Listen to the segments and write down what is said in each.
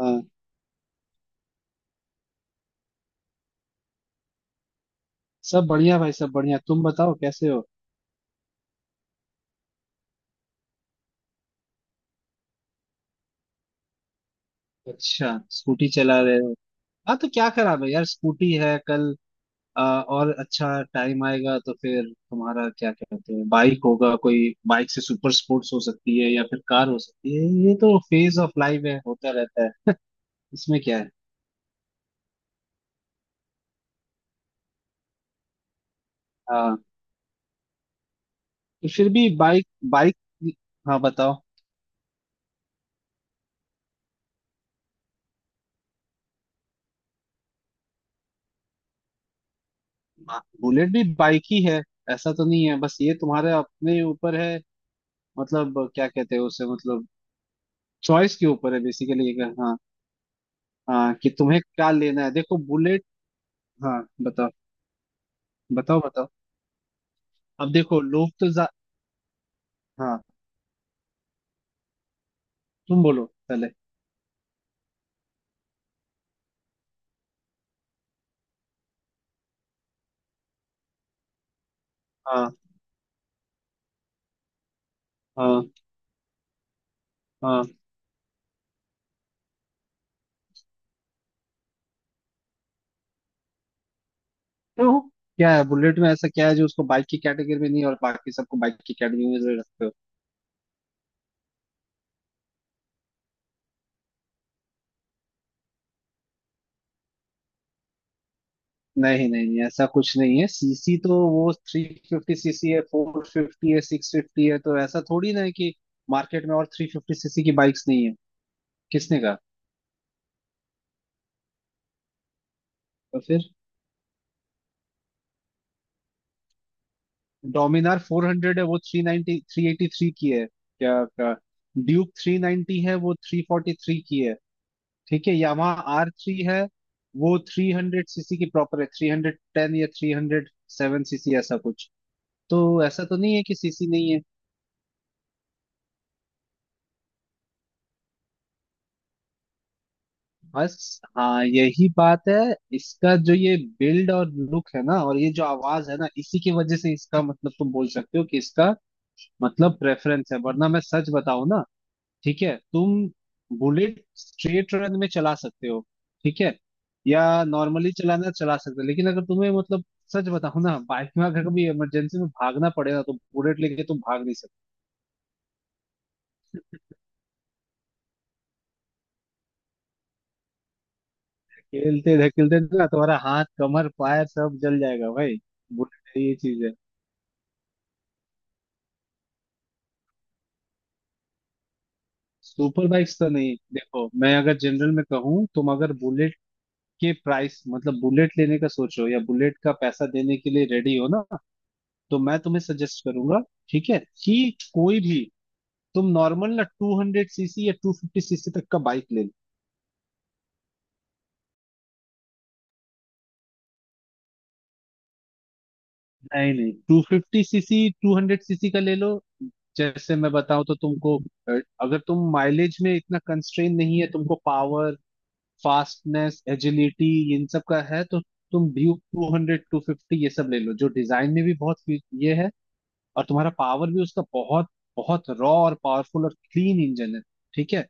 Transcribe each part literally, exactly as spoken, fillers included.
हाँ, सब बढ़िया भाई, सब बढ़िया। तुम बताओ कैसे हो। अच्छा, स्कूटी चला रहे हो। हाँ तो क्या खराब है यार, स्कूटी है कल। आ, और अच्छा टाइम आएगा तो फिर तुम्हारा क्या कहते हैं बाइक होगा कोई, बाइक से सुपर स्पोर्ट्स हो सकती है या फिर कार हो सकती है। ये तो फेज ऑफ लाइफ है, होता रहता है। इसमें क्या है। हाँ तो फिर भी बाइक बाइक। हाँ बताओ। हाँ, बुलेट भी बाइक ही है। ऐसा तो नहीं है, बस ये तुम्हारे अपने ऊपर है। मतलब क्या कहते हैं उसे, मतलब चॉइस के ऊपर है बेसिकली। हाँ कि तुम्हें क्या लेना है, देखो बुलेट। हाँ बताओ। बताओ बताओ। अब देखो लोग तो जा...। हाँ तुम बोलो पहले। हाँ हाँ हाँ। क्यों, क्या है बुलेट में ऐसा क्या है जो उसको बाइक की कैटेगरी में नहीं और बाकी सबको बाइक की कैटेगरी में जो रखते हो। नहीं नहीं नहीं, ऐसा कुछ नहीं है। सीसी तो वो थ्री फिफ्टी सीसी है, फोर फिफ्टी है, सिक्स फिफ्टी है, तो ऐसा थोड़ी ना है कि मार्केट में और थ्री फिफ्टी सीसी की बाइक्स नहीं है। किसने कहा। तो फिर डोमिनार फोर हंड्रेड है, वो three ninety three eighty three की है, क्या क्या। ड्यूक थ्री नाइंटी है, वो थ्री फोर्टी थ्री की है। ठीक है, यामाहा आर थ्री है वो थ्री हंड्रेड सीसी की प्रॉपर है, थ्री टेन या थ्री ओ सेवन सीसी ऐसा कुछ। तो ऐसा तो नहीं है कि सीसी नहीं है। बस हाँ यही बात है, इसका जो ये बिल्ड और लुक है ना और ये जो आवाज है ना, इसी की वजह से इसका मतलब तुम बोल सकते हो कि इसका मतलब प्रेफरेंस है। वरना मैं सच बताऊं ना, ठीक है तुम बुलेट स्ट्रेट रन में चला सकते हो, ठीक है, या नॉर्मली चलाना चला सकते हो, लेकिन अगर तुम्हें मतलब सच बताऊं ना, बाइक में अगर कभी इमरजेंसी में भागना पड़े ना तो बुलेट लेके तुम भाग नहीं सकते। खेलते धकेलते ना तुम्हारा हाथ कमर पैर सब जल जाएगा भाई, बुलेट ये चीज है। सुपर बाइक्स तो नहीं, देखो मैं अगर जनरल में कहूँ, तुम अगर बुलेट के प्राइस मतलब बुलेट लेने का सोचो या बुलेट का पैसा देने के लिए रेडी हो ना, तो मैं तुम्हें सजेस्ट करूंगा, ठीक है, कि कोई भी तुम नॉर्मल ना टू हंड्रेड सीसी या टू फिफ्टी सीसी तक का बाइक ले लो। नहीं नहीं, to fifty CC two hundred CC का ले लो। जैसे मैं बताऊं तो तुमको, अ, अगर तुम माइलेज में इतना कंस्ट्रेन नहीं है, तुमको पावर, फास्टनेस, एजिलिटी, इन सब का है तो तुम Duke two hundred to fifty ये सब ले लो, जो डिजाइन में भी बहुत फी- ये है। और तुम्हारा पावर भी उसका बहुत बहुत रॉ और पावरफुल और क्लीन इंजन है, ठीक है।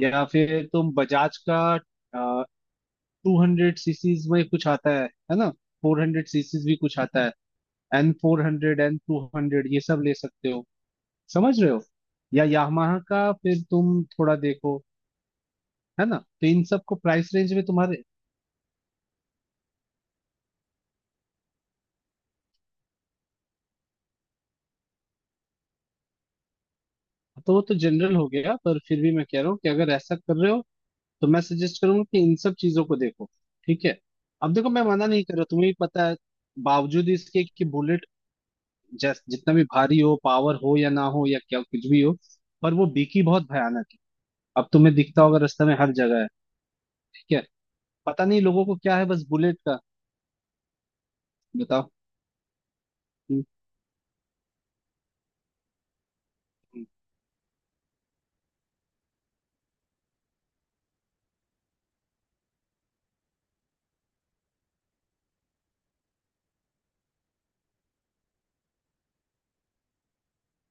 या फिर तुम बजाज का टू हंड्रेड सीसीज में कुछ आता है है ना, फोर हंड्रेड सीसीज भी कुछ आता है, N four hundred, N two hundred ये सब ले सकते हो, समझ रहे हो। या यामाहा का फिर तुम थोड़ा देखो, है ना, तो इन सब को प्राइस रेंज में तुम्हारे। तो वो तो जनरल हो गया, पर फिर भी मैं कह रहा हूँ कि अगर ऐसा कर रहे हो तो मैं सजेस्ट करूंगा कि इन सब चीजों को देखो, ठीक है। अब देखो मैं मना नहीं कर रहा, तुम्हें भी पता है, बावजूद इसके कि बुलेट जैस जितना भी भारी हो, पावर हो या ना हो या क्या कुछ भी हो, पर वो बिकी बहुत भयानक। अब तुम्हें दिखता होगा रास्ते में हर जगह है, ठीक है। पता नहीं लोगों को क्या है, बस बुलेट का। बताओ। हम्म।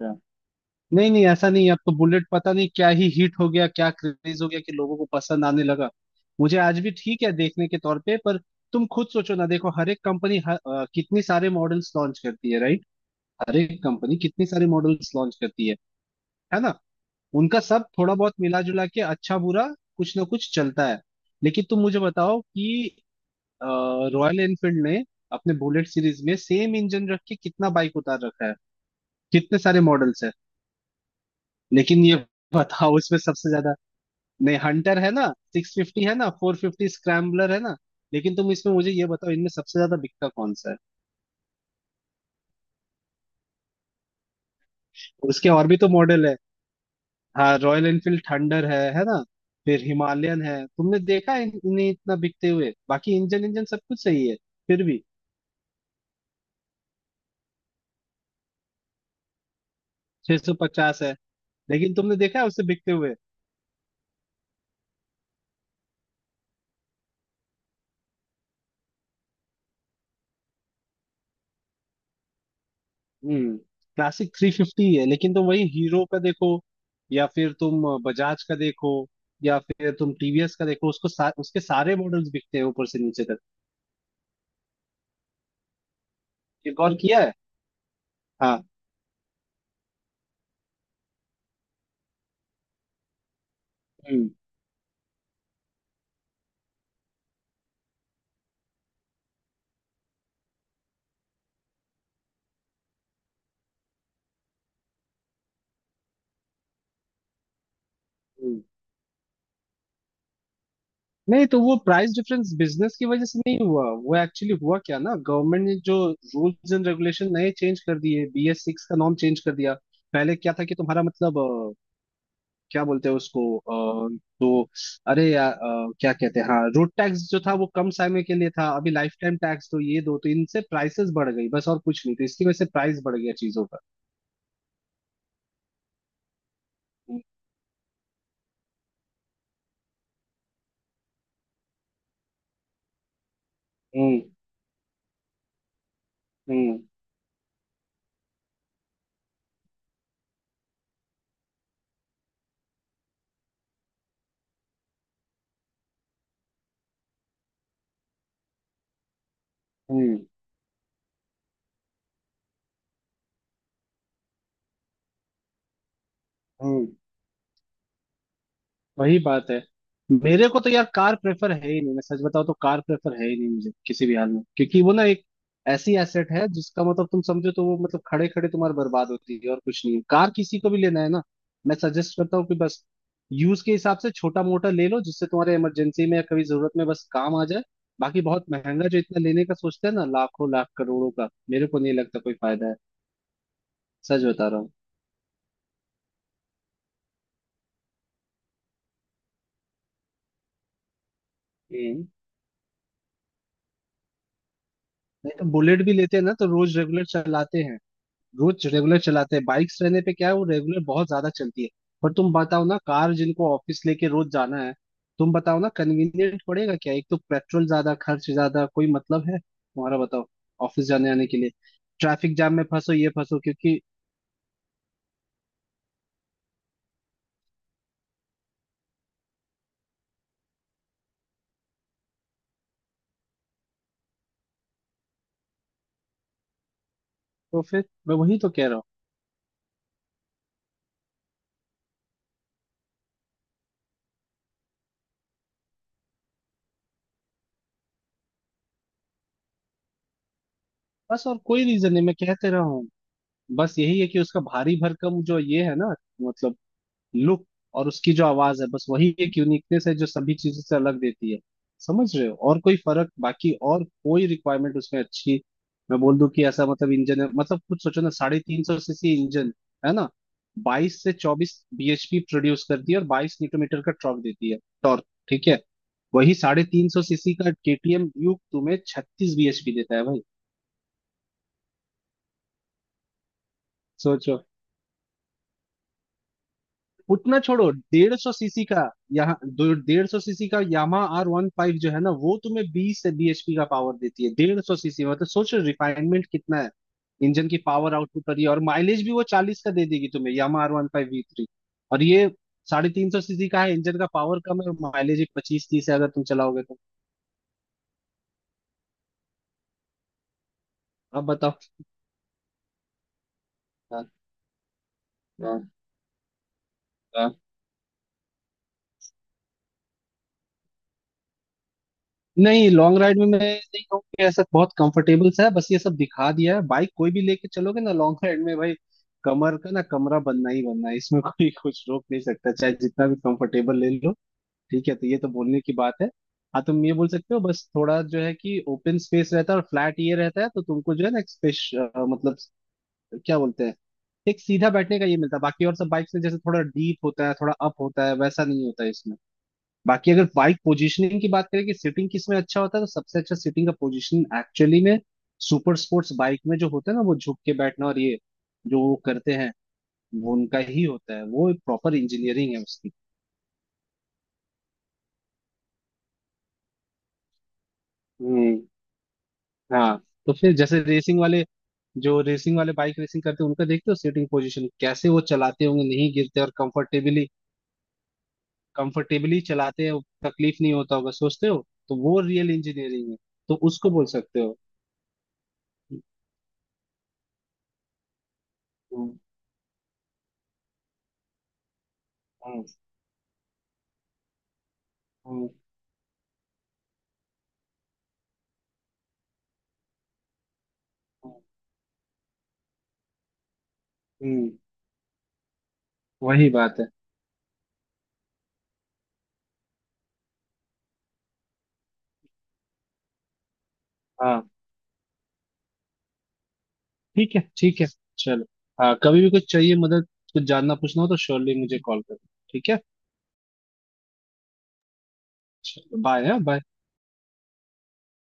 अच्छा। नहीं नहीं, ऐसा नहीं है, अब तो बुलेट पता नहीं क्या ही हिट हो गया, क्या क्रेज हो गया कि लोगों को पसंद आने लगा। मुझे आज भी ठीक है देखने के तौर पे, पर तुम खुद सोचो ना, देखो हर एक कंपनी कितनी सारे मॉडल्स लॉन्च करती है, राइट, हर एक कंपनी कितनी सारे मॉडल्स लॉन्च करती है है ना। उनका सब थोड़ा बहुत मिला जुला के अच्छा बुरा कुछ ना कुछ चलता है। लेकिन तुम मुझे बताओ कि रॉयल एनफील्ड ने अपने बुलेट सीरीज में सेम इंजन रख के कितना बाइक उतार रखा है, कितने सारे मॉडल्स है। लेकिन ये बताओ उसमें सबसे ज्यादा, नहीं हंटर है ना, सिक्स फिफ्टी है ना, फोर फिफ्टी स्क्रैम्बलर है ना। लेकिन तुम इसमें मुझे ये बताओ, इनमें सबसे ज्यादा बिकता कौन सा है। उसके और भी तो मॉडल है, हाँ रॉयल एनफील्ड थंडर है है ना, फिर हिमालयन है, तुमने देखा है इन- इन्हें इतना बिकते हुए, बाकी इंजन इंजन सब कुछ सही है फिर भी। छह सौ पचास है, लेकिन तुमने देखा है उसे बिकते हुए। हम्म। क्लासिक थ्री फिफ्टी है, लेकिन तुम वही हीरो का देखो या फिर तुम बजाज का देखो, या फिर तुम टीवीएस का देखो, उसको सा, उसके सारे मॉडल्स बिकते हैं ऊपर से नीचे तक। ये गौर किया है। हाँ। हम्म हम्म। नहीं, तो वो प्राइस डिफरेंस बिजनेस की वजह से नहीं हुआ, वो एक्चुअली हुआ क्या ना, गवर्नमेंट ने जो रूल्स एंड रेगुलेशन नए चेंज कर दिए, बीएस सिक्स का नॉर्म चेंज कर दिया। पहले क्या था कि तुम्हारा मतलब क्या बोलते हैं उसको, अ, तो अरे यार, अ, क्या कहते हैं, हाँ रोड टैक्स जो था वो कम समय के लिए था, अभी लाइफ टाइम टैक्स तो ये दो, तो इनसे प्राइसेस बढ़ गई, बस और कुछ नहीं, तो इसकी वजह से प्राइस बढ़ गया चीजों का। हम्म हम्म हम्म हम्म। हम्म। वही बात है। मेरे को तो यार कार प्रेफर है ही नहीं, मैं सच बताऊं तो कार प्रेफर है ही नहीं मुझे किसी भी हाल में, क्योंकि वो ना एक ऐसी एसेट है जिसका मतलब तुम समझो तो वो मतलब खड़े खड़े तुम्हारी बर्बाद होती है और कुछ नहीं है। कार किसी को भी लेना है ना, मैं सजेस्ट करता हूँ कि बस यूज के हिसाब से छोटा मोटा ले लो, जिससे तुम्हारे इमरजेंसी में या कभी जरूरत में बस काम आ जाए। बाकी बहुत महंगा जो इतना लेने का सोचते हैं ना, लाखों लाख करोड़ों का, मेरे को नहीं लगता कोई फायदा है, सच बता रहा हूँ। हम्म। नहीं तो बुलेट भी लेते हैं ना तो रोज रेगुलर चलाते हैं, रोज रेगुलर चलाते हैं। बाइक्स रहने पे क्या है, वो रेगुलर बहुत ज्यादा चलती है। पर तुम बताओ ना, कार जिनको ऑफिस लेके रोज जाना है, तुम बताओ ना कन्वीनियंट पड़ेगा क्या, एक तो पेट्रोल ज्यादा, खर्च ज्यादा, कोई मतलब है तुम्हारा, बताओ, ऑफिस जाने आने के लिए ट्रैफिक जाम में फंसो, ये फंसो, क्योंकि। तो फिर मैं वही तो कह रहा हूँ, बस और कोई रीजन नहीं, मैं कहते रहा हूँ, बस यही है कि उसका भारी भरकम जो ये है ना, मतलब लुक और उसकी जो आवाज है, बस वही एक यूनिकनेस है जो सभी चीजों से अलग देती है, समझ रहे हो। और कोई फर्क, बाकी और कोई रिक्वायरमेंट उसमें अच्छी, मैं बोल दूं कि ऐसा मतलब इंजन है, मतलब कुछ सोचो ना साढ़े तीन सौ सीसी इंजन, है ना, बाईस से चौबीस बीएचपी प्रोड्यूस करती है और बाईस न्यूटन मीटर का टॉर्क देती है, टॉर्क। ठीक है, वही साढ़े तीन सौ सीसी का केटीएम ड्यूक तुम्हें छत्तीस बीएचपी देता है भाई, सोचो। उतना छोड़ो, डेढ़ सौ सीसी का, यहाँ डेढ़ सौ सीसी का यामा आर वन फाइव जो है ना, वो तुम्हें बीस से bhp का पावर देती है, डेढ़ सौ सीसी, मतलब सोचो रिफाइनमेंट कितना है, इंजन की पावर आउटपुट पर ये, और माइलेज भी वो चालीस का दे देगी तुम्हें, Yamaha R one five V three. और ये साढ़े तीन सौ सीसी का है, इंजन का पावर कम है और माइलेज पच्चीस तीस है अगर तुम चलाओगे तो। अब बताओ। हाँ। हाँ। नहीं, लॉन्ग राइड में मैं नहीं कहूँगी ऐसा बहुत कंफर्टेबल सा है, बस ये सब दिखा दिया है, बाइक कोई भी लेके चलोगे ना लॉन्ग राइड में भाई, कमर का ना कमरा बनना ही बनना है, इसमें कोई कुछ रोक नहीं सकता, चाहे जितना भी कंफर्टेबल ले लो। ठीक है, तो ये तो बोलने की बात है। हाँ तुम ये बोल सकते हो, बस थोड़ा जो है कि ओपन स्पेस रहता है और फ्लैट ये रहता है तो तुमको जो है ना, एक स्पेस मतलब क्या बोलते हैं, एक सीधा बैठने का ये मिलता है, बाकी और सब बाइक्स में जैसे थोड़ा डीप होता है, थोड़ा अप होता है, वैसा नहीं होता है इसमें। बाकी अगर बाइक पोजीशनिंग की बात करें कि सिटिंग किस में अच्छा होता है, तो सबसे अच्छा सिटिंग का पोजीशन एक्चुअली में सुपर स्पोर्ट्स बाइक में जो होता है ना, वो झुक के बैठना और ये जो वो करते हैं, वो उनका ही होता है, वो प्रॉपर इंजीनियरिंग है उसकी। हम्म। हाँ तो फिर जैसे रेसिंग वाले, जो रेसिंग वाले बाइक रेसिंग करते हैं उनका देखते हो सीटिंग पोजीशन कैसे, वो चलाते होंगे नहीं गिरते और कंफर्टेबली, कंफर्टेबली चलाते हैं, तकलीफ नहीं होता होगा सोचते हो, तो वो रियल इंजीनियरिंग है, तो उसको बोल सकते हो। हम्म। हम्म। हम्म। हम्म। वही बात है। हाँ ठीक है, ठीक है, चलो। हाँ कभी भी कुछ चाहिए मदद, कुछ जानना पूछना हो तो श्योरली मुझे कॉल करो, ठीक है। चलो बाय, हाँ बाय।